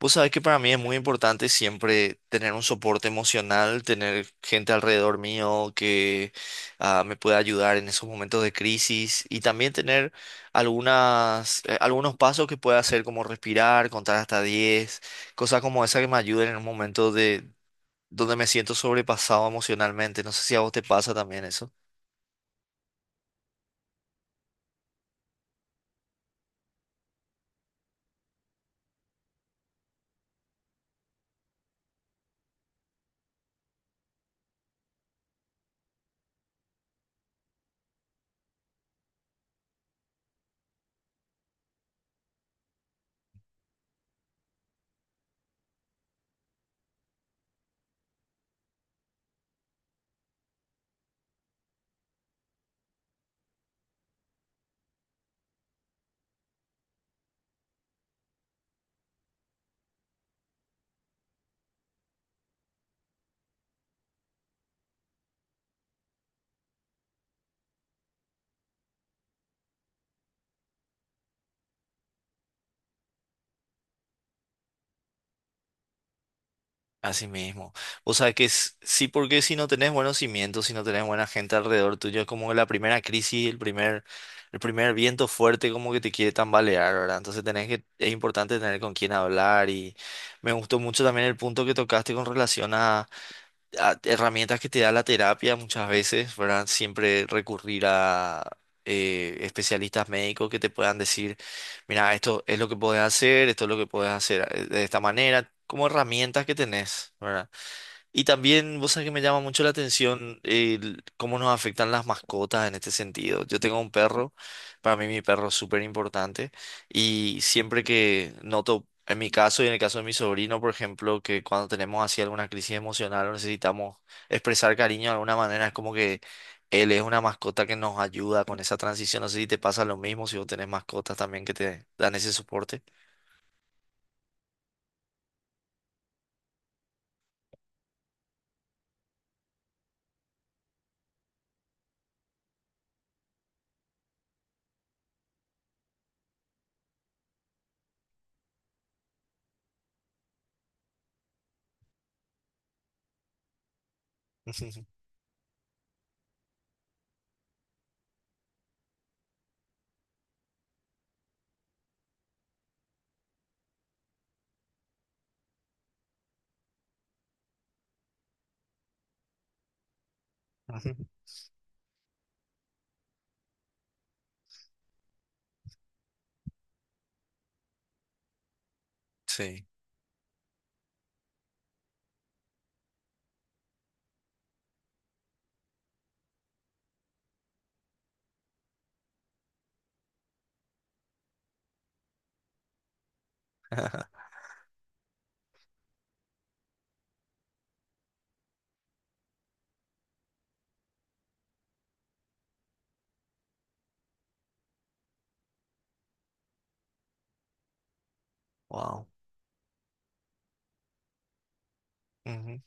Vos sabés que para mí es muy importante siempre tener un soporte emocional, tener gente alrededor mío que me pueda ayudar en esos momentos de crisis y también tener algunas, algunos pasos que pueda hacer como respirar, contar hasta 10, cosas como esa que me ayuden en un momento de donde me siento sobrepasado emocionalmente. No sé si a vos te pasa también eso. Así mismo. O sea que sí, porque si no tenés buenos cimientos, si no tenés buena gente alrededor tuyo, es como la primera crisis, el primer viento fuerte como que te quiere tambalear, ¿verdad? Entonces tenés que, es importante tener con quién hablar y me gustó mucho también el punto que tocaste con relación a herramientas que te da la terapia muchas veces, ¿verdad? Siempre recurrir a especialistas médicos que te puedan decir, mira, esto es lo que puedes hacer, esto es lo que puedes hacer de esta manera, como herramientas que tenés, ¿verdad? Y también, vos sabés que me llama mucho la atención el cómo nos afectan las mascotas en este sentido. Yo tengo un perro, para mí mi perro es súper importante y siempre que noto, en mi caso y en el caso de mi sobrino, por ejemplo, que cuando tenemos así alguna crisis emocional o necesitamos expresar cariño de alguna manera, es como que él es una mascota que nos ayuda con esa transición. No sé si te pasa lo mismo, si vos tenés mascotas también que te dan ese soporte. Ujú. Sí. Wow. Ujú.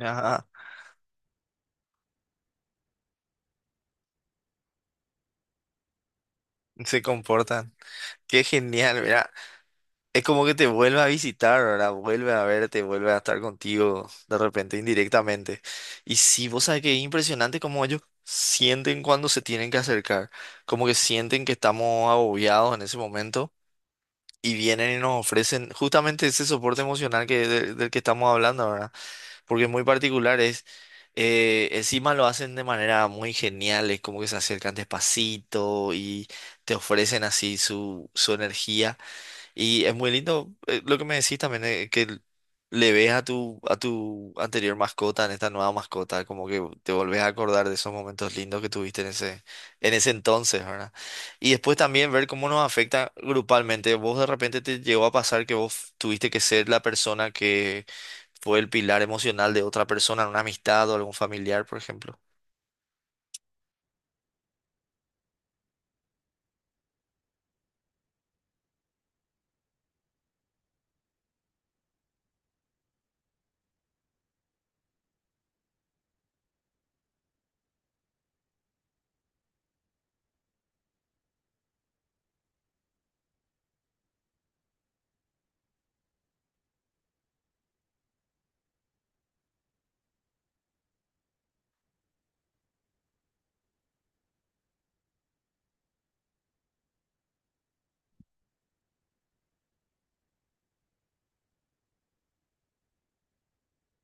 Ajá, se comportan. Qué genial, mira, es como que te vuelve a visitar, ¿verdad? Vuelve a verte, vuelve a estar contigo de repente indirectamente. Y sí, vos sabés que es impresionante cómo ellos sienten cuando se tienen que acercar, como que sienten que estamos agobiados en ese momento y vienen y nos ofrecen justamente ese soporte emocional que, del, del que estamos hablando, ¿verdad? Porque es muy particular, es, encima lo hacen de manera muy genial, es como que se acercan despacito y te ofrecen así su, su energía. Y es muy lindo lo que me decís también, que le ves a tu anterior mascota, en esta nueva mascota, como que te volvés a acordar de esos momentos lindos que tuviste en ese entonces, ¿verdad? Y después también ver cómo nos afecta grupalmente. Vos de repente te llegó a pasar que vos tuviste que ser la persona que fue el pilar emocional de otra persona, en una amistad o algún familiar, por ejemplo.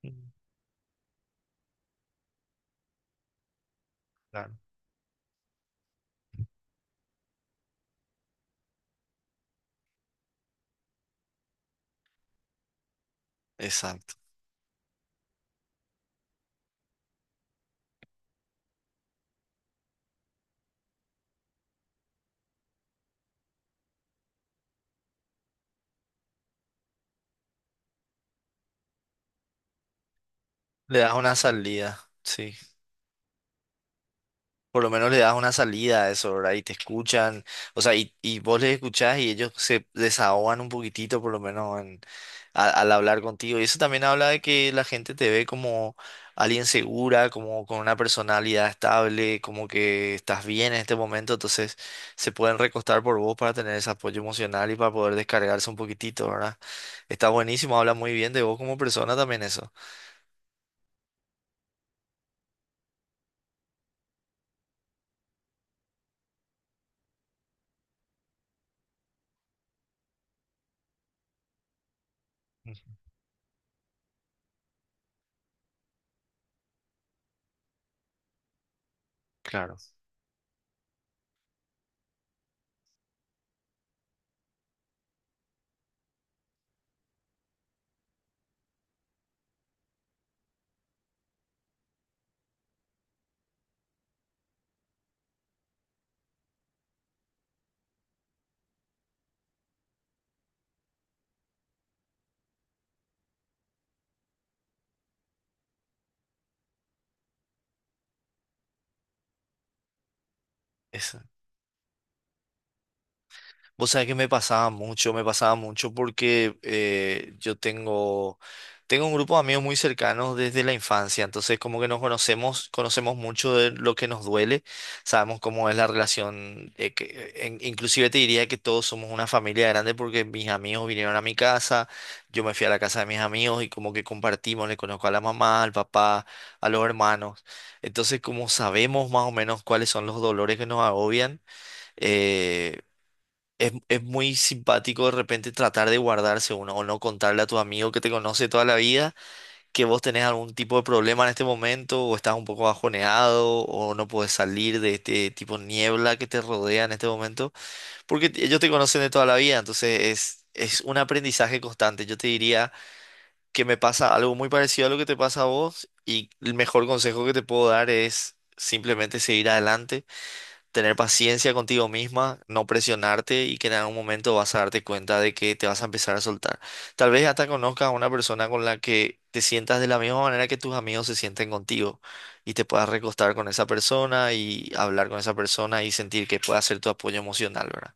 Mm. Claro. Exacto. Le das una salida, sí. Por lo menos le das una salida a eso, ¿verdad? Y te escuchan, o sea, y vos les escuchás y ellos se desahogan un poquitito, por lo menos al hablar contigo. Y eso también habla de que la gente te ve como alguien segura, como con una personalidad estable, como que estás bien en este momento, entonces se pueden recostar por vos para tener ese apoyo emocional y para poder descargarse un poquitito, ¿verdad? Está buenísimo, habla muy bien de vos como persona también eso. Claro. Eso. Vos sabés que me pasaba mucho porque yo tengo, tengo un grupo de amigos muy cercanos desde la infancia, entonces como que nos conocemos, conocemos mucho de lo que nos duele, sabemos cómo es la relación, inclusive te diría que todos somos una familia grande porque mis amigos vinieron a mi casa, yo me fui a la casa de mis amigos y como que compartimos, le conozco a la mamá, al papá, a los hermanos, entonces como sabemos más o menos cuáles son los dolores que nos agobian, eh, es muy simpático de repente tratar de guardarse uno o no contarle a tu amigo que te conoce toda la vida que vos tenés algún tipo de problema en este momento o estás un poco bajoneado o no puedes salir de este tipo de niebla que te rodea en este momento porque ellos te conocen de toda la vida, entonces es un aprendizaje constante. Yo te diría que me pasa algo muy parecido a lo que te pasa a vos y el mejor consejo que te puedo dar es simplemente seguir adelante tener paciencia contigo misma, no presionarte y que en algún momento vas a darte cuenta de que te vas a empezar a soltar. Tal vez hasta conozcas a una persona con la que te sientas de la misma manera que tus amigos se sienten contigo y te puedas recostar con esa persona y hablar con esa persona y sentir que pueda ser tu apoyo emocional, ¿verdad?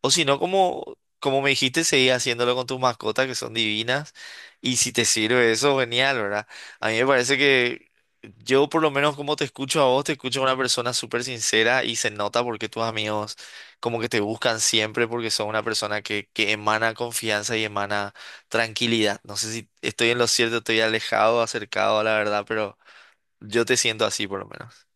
O si no, como, como me dijiste, seguí haciéndolo con tus mascotas que son divinas. Y si te sirve eso, genial, ¿verdad? A mí me parece que yo, por lo menos, como te escucho a vos, te escucho a una persona súper sincera y se nota porque tus amigos como que te buscan siempre porque son una persona que emana confianza y emana tranquilidad. No sé si estoy en lo cierto, estoy alejado, acercado a la verdad, pero yo te siento así, por lo menos.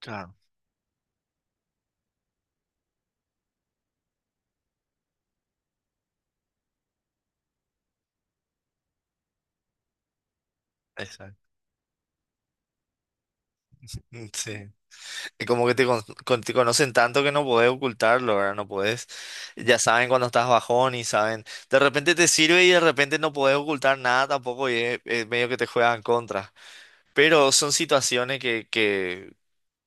Claro, exacto. Sí. Y como que te, te conocen tanto que no podés ocultarlo, ¿verdad? No podés. Ya saben cuando estás bajón y saben. De repente te sirve y de repente no podés ocultar nada tampoco y es medio que te juegan contra. Pero son situaciones que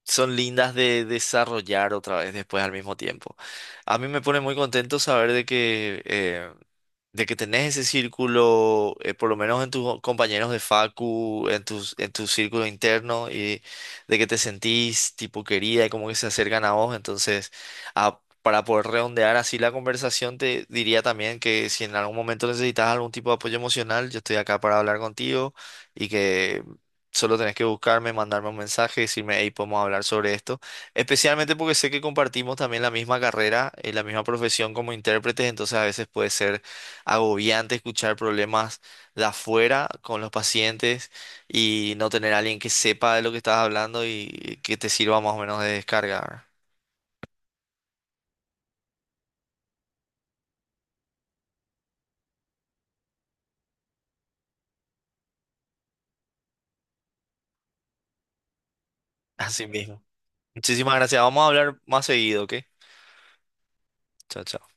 son lindas de desarrollar otra vez después al mismo tiempo. A mí me pone muy contento saber de que tenés ese círculo, por lo menos en tus compañeros de facu, en tus, en tu círculo interno, y de que te sentís tipo querida y como que se acercan a vos. Entonces, para poder redondear así la conversación, te diría también que si en algún momento necesitas algún tipo de apoyo emocional, yo estoy acá para hablar contigo y que... Solo tenés que buscarme, mandarme un mensaje, decirme, hey, podemos hablar sobre esto. Especialmente porque sé que compartimos también la misma carrera, la misma profesión como intérpretes, entonces a veces puede ser agobiante escuchar problemas de afuera con los pacientes y no tener a alguien que sepa de lo que estás hablando y que te sirva más o menos de descarga, ¿verdad? Así mismo. Muchísimas gracias. Vamos a hablar más seguido, ¿ok? Chao, chao.